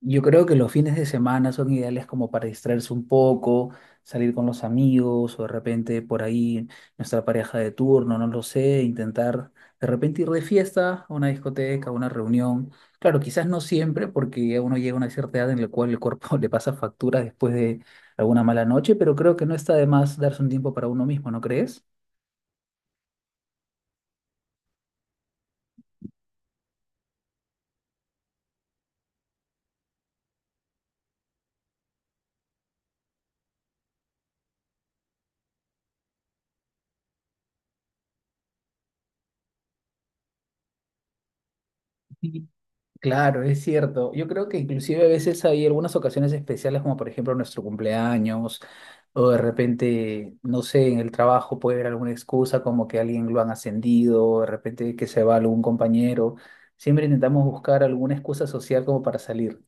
Yo creo que los fines de semana son ideales como para distraerse un poco, salir con los amigos o de repente por ahí nuestra pareja de turno, no lo sé, intentar de repente ir de fiesta a una discoteca, a una reunión. Claro, quizás no siempre porque ya uno llega a una cierta edad en la cual el cuerpo le pasa factura después de alguna mala noche, pero creo que no está de más darse un tiempo para uno mismo, ¿no crees? Sí. Claro, es cierto. Yo creo que inclusive a veces hay algunas ocasiones especiales, como por ejemplo nuestro cumpleaños. O de repente, no sé, en el trabajo puede haber alguna excusa como que alguien lo han ascendido, o de repente que se va algún compañero. Siempre intentamos buscar alguna excusa social como para salir.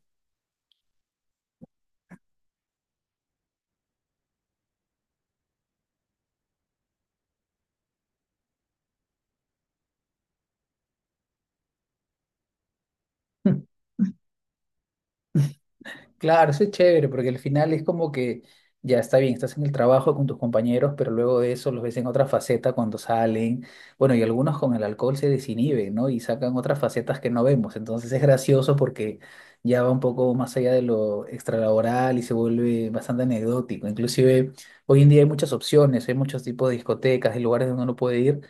Claro, eso es chévere, porque al final es como que ya está bien, estás en el trabajo con tus compañeros, pero luego de eso los ves en otra faceta cuando salen. Bueno, y algunos con el alcohol se desinhiben, ¿no? Y sacan otras facetas que no vemos. Entonces es gracioso porque ya va un poco más allá de lo extralaboral y se vuelve bastante anecdótico. Inclusive hoy en día hay muchas opciones, hay muchos tipos de discotecas y lugares donde uno puede ir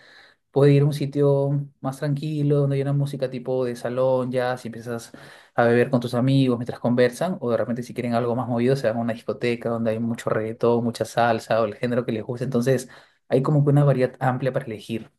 a un sitio más tranquilo, donde hay una música tipo de salón, ya, si empiezas a beber con tus amigos mientras conversan, o de repente si quieren algo más movido, se van a una discoteca donde hay mucho reggaetón, mucha salsa o el género que les guste. Entonces, hay como que una variedad amplia para elegir.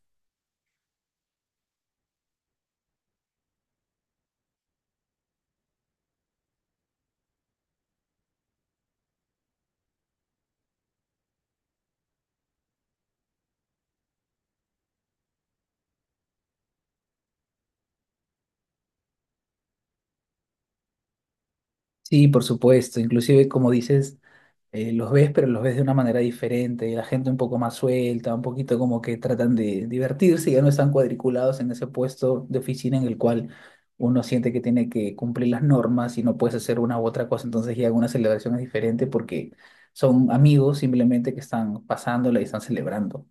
Sí, por supuesto. Inclusive, como dices, los ves, pero los ves de una manera diferente, la gente un poco más suelta, un poquito como que tratan de divertirse, ya no están cuadriculados en ese puesto de oficina en el cual uno siente que tiene que cumplir las normas y no puedes hacer una u otra cosa, entonces ya una celebración es diferente porque son amigos simplemente que están pasándola y están celebrando.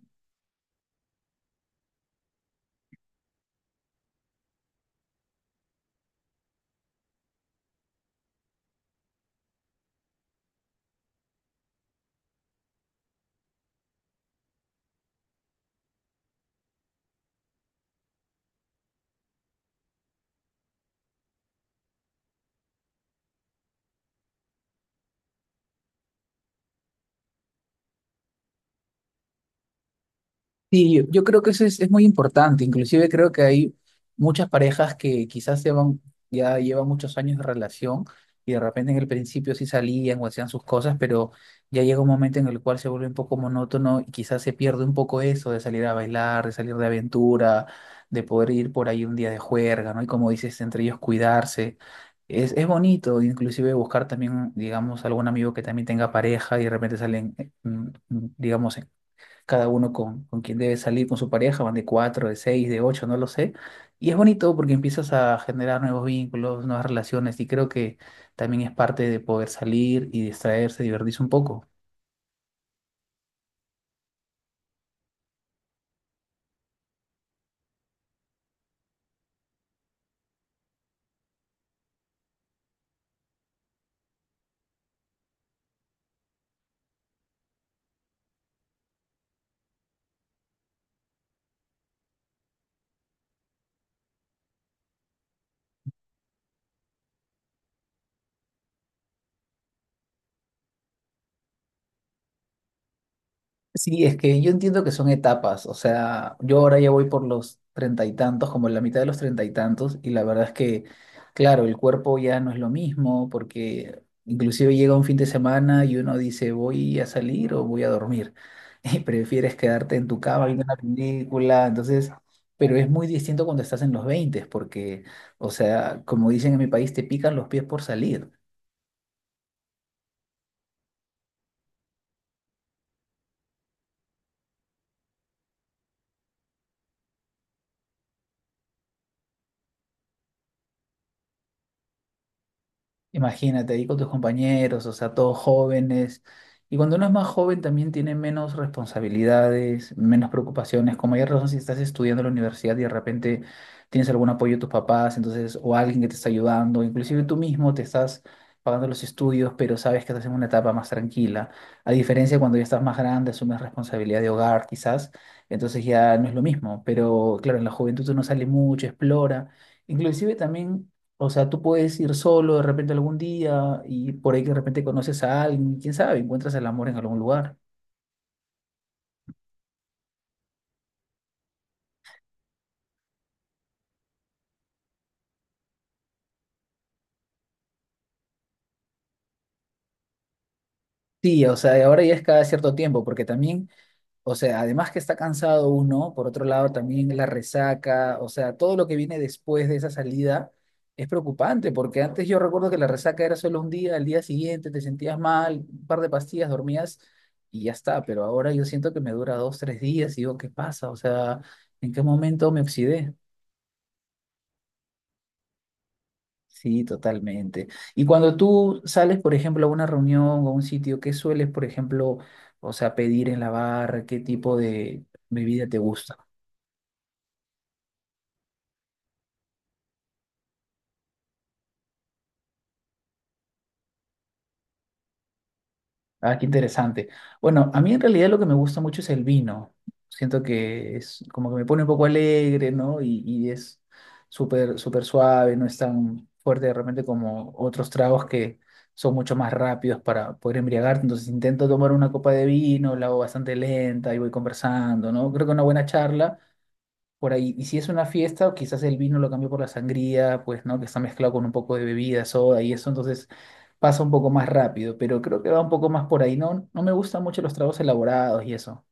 Sí, yo creo que eso es muy importante. Inclusive creo que hay muchas parejas que quizás llevan, ya llevan muchos años de relación y de repente en el principio sí salían o hacían sus cosas, pero ya llega un momento en el cual se vuelve un poco monótono y quizás se pierde un poco eso de salir a bailar, de salir de aventura, de poder ir por ahí un día de juerga, ¿no? Y como dices, entre ellos cuidarse. Es bonito, inclusive buscar también, digamos, algún amigo que también tenga pareja y de repente salen, digamos, cada uno con quien debe salir con su pareja, van de cuatro, de seis, de ocho, no lo sé. Y es bonito porque empiezas a generar nuevos vínculos, nuevas relaciones y creo que también es parte de poder salir y distraerse, divertirse un poco. Sí, es que yo entiendo que son etapas, o sea, yo ahora ya voy por los treinta y tantos, como en la mitad de los treinta y tantos, y la verdad es que, claro, el cuerpo ya no es lo mismo, porque inclusive llega un fin de semana y uno dice, voy a salir o voy a dormir, y prefieres quedarte en tu cama viendo Claro. una película, entonces, pero es muy distinto cuando estás en los veinte, porque, o sea, como dicen en mi país, te pican los pies por salir. Imagínate ahí con tus compañeros, o sea, todos jóvenes. Y cuando uno es más joven también tiene menos responsabilidades, menos preocupaciones. Como ya razón, si estás estudiando en la universidad y de repente tienes algún apoyo de tus papás, entonces, o alguien que te está ayudando, inclusive tú mismo te estás pagando los estudios, pero sabes que estás en una etapa más tranquila. A diferencia de cuando ya estás más grande, asumes responsabilidad de hogar, quizás, entonces ya no es lo mismo. Pero claro, en la juventud uno sale mucho, explora. Inclusive también o sea, tú puedes ir solo de repente algún día y por ahí que de repente conoces a alguien, quién sabe, encuentras el amor en algún lugar. Sí, o sea, y ahora ya es cada cierto tiempo, porque también, o sea, además que está cansado uno, por otro lado también la resaca, o sea, todo lo que viene después de esa salida es preocupante, porque antes yo recuerdo que la resaca era solo un día, al día siguiente te sentías mal, un par de pastillas, dormías y ya está, pero ahora yo siento que me dura 2, 3 días y digo, ¿qué pasa? O sea, ¿en qué momento me oxidé? Sí, totalmente. Y cuando tú sales, por ejemplo, a una reunión o a un sitio, ¿qué sueles, por ejemplo, o sea, pedir en la barra? ¿Qué tipo de bebida te gusta? Ah, qué interesante. Bueno, a mí en realidad lo que me gusta mucho es el vino. Siento que es como que me pone un poco alegre, ¿no? Y es súper, súper suave, no es tan fuerte de repente como otros tragos que son mucho más rápidos para poder embriagarte. Entonces intento tomar una copa de vino, la hago bastante lenta y voy conversando, ¿no? Creo que una buena charla por ahí. Y si es una fiesta, o quizás el vino lo cambió por la sangría, pues, ¿no? Que está mezclado con un poco de bebida, soda y eso, entonces pasa un poco más rápido, pero creo que va un poco más por ahí. No, no me gustan mucho los tragos elaborados y eso.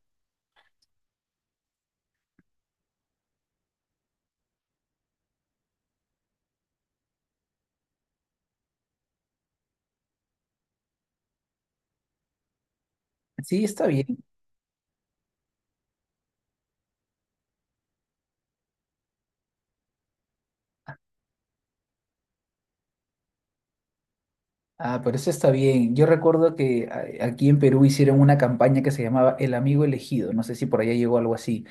Sí, está bien. Ah, pero eso está bien. Yo recuerdo que aquí en Perú hicieron una campaña que se llamaba El Amigo Elegido. No sé si por allá llegó algo así.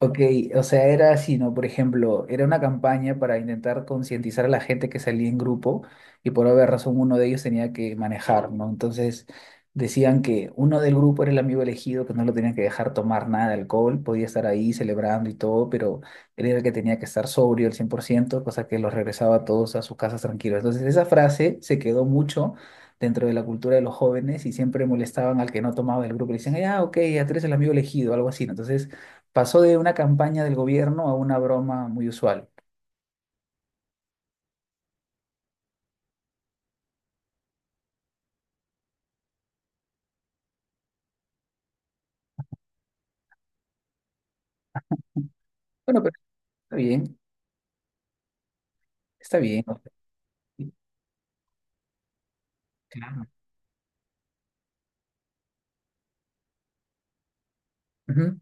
Ok, o sea, era así, ¿no? Por ejemplo, era una campaña para intentar concientizar a la gente que salía en grupo y por haber razón uno de ellos tenía que manejar, ¿no? Entonces decían que uno del grupo era el amigo elegido, que no lo tenían que dejar tomar nada de alcohol, podía estar ahí celebrando y todo, pero él era el que tenía que estar sobrio al 100%, cosa que los regresaba a todos a sus casas tranquilos. Entonces esa frase se quedó mucho dentro de la cultura de los jóvenes y siempre molestaban al que no tomaba del grupo. Le decían, ah, ok, ya tú eres el amigo elegido, algo así, ¿no? Entonces... Pasó de una campaña del gobierno a una broma muy usual. Bueno, pero está bien, está bien. O sea, sí, claro. Ujú,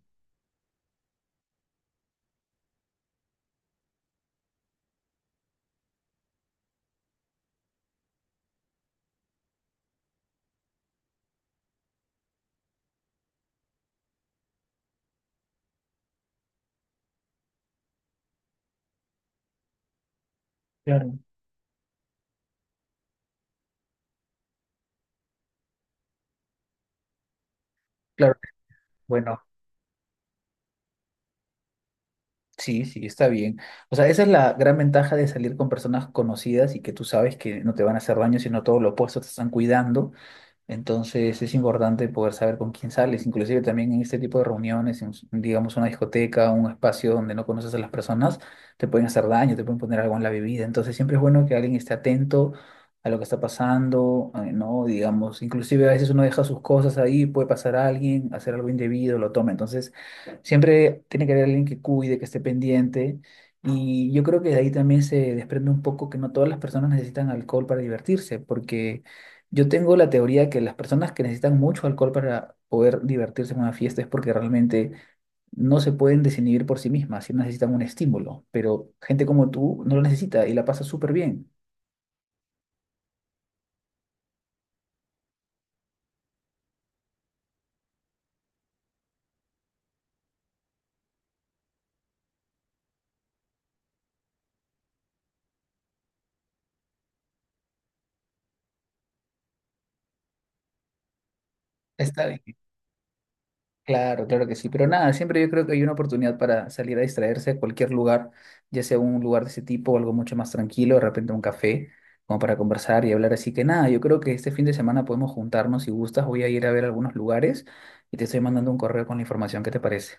claro, claro. Bueno, sí, sí, está bien. O sea, esa es la gran ventaja de salir con personas conocidas y que tú sabes que no te van a hacer daño, sino todo lo opuesto, te están cuidando. Entonces es importante poder saber con quién sales, inclusive también en este tipo de reuniones, en, digamos una discoteca, un espacio donde no conoces a las personas, te pueden hacer daño, te pueden poner algo en la bebida. Entonces siempre es bueno que alguien esté atento a lo que está pasando, ¿no? Digamos, inclusive a veces uno deja sus cosas ahí, puede pasar a alguien, hacer algo indebido, lo toma. Entonces siempre tiene que haber alguien que cuide, que esté pendiente. Y yo creo que de ahí también se desprende un poco que no todas las personas necesitan alcohol para divertirse, porque yo tengo la teoría que las personas que necesitan mucho alcohol para poder divertirse en una fiesta es porque realmente no se pueden desinhibir por sí mismas, sí necesitan un estímulo, pero gente como tú no lo necesita y la pasa súper bien. Está bien, claro, claro que sí, pero nada, siempre yo creo que hay una oportunidad para salir a distraerse a cualquier lugar, ya sea un lugar de ese tipo o algo mucho más tranquilo, de repente un café, como para conversar y hablar. Así que nada, yo creo que este fin de semana podemos juntarnos si gustas, voy a ir a ver algunos lugares y te estoy mandando un correo con la información, ¿qué te parece?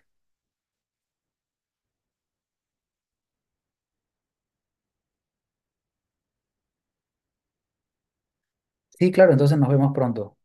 Sí, claro, entonces nos vemos pronto.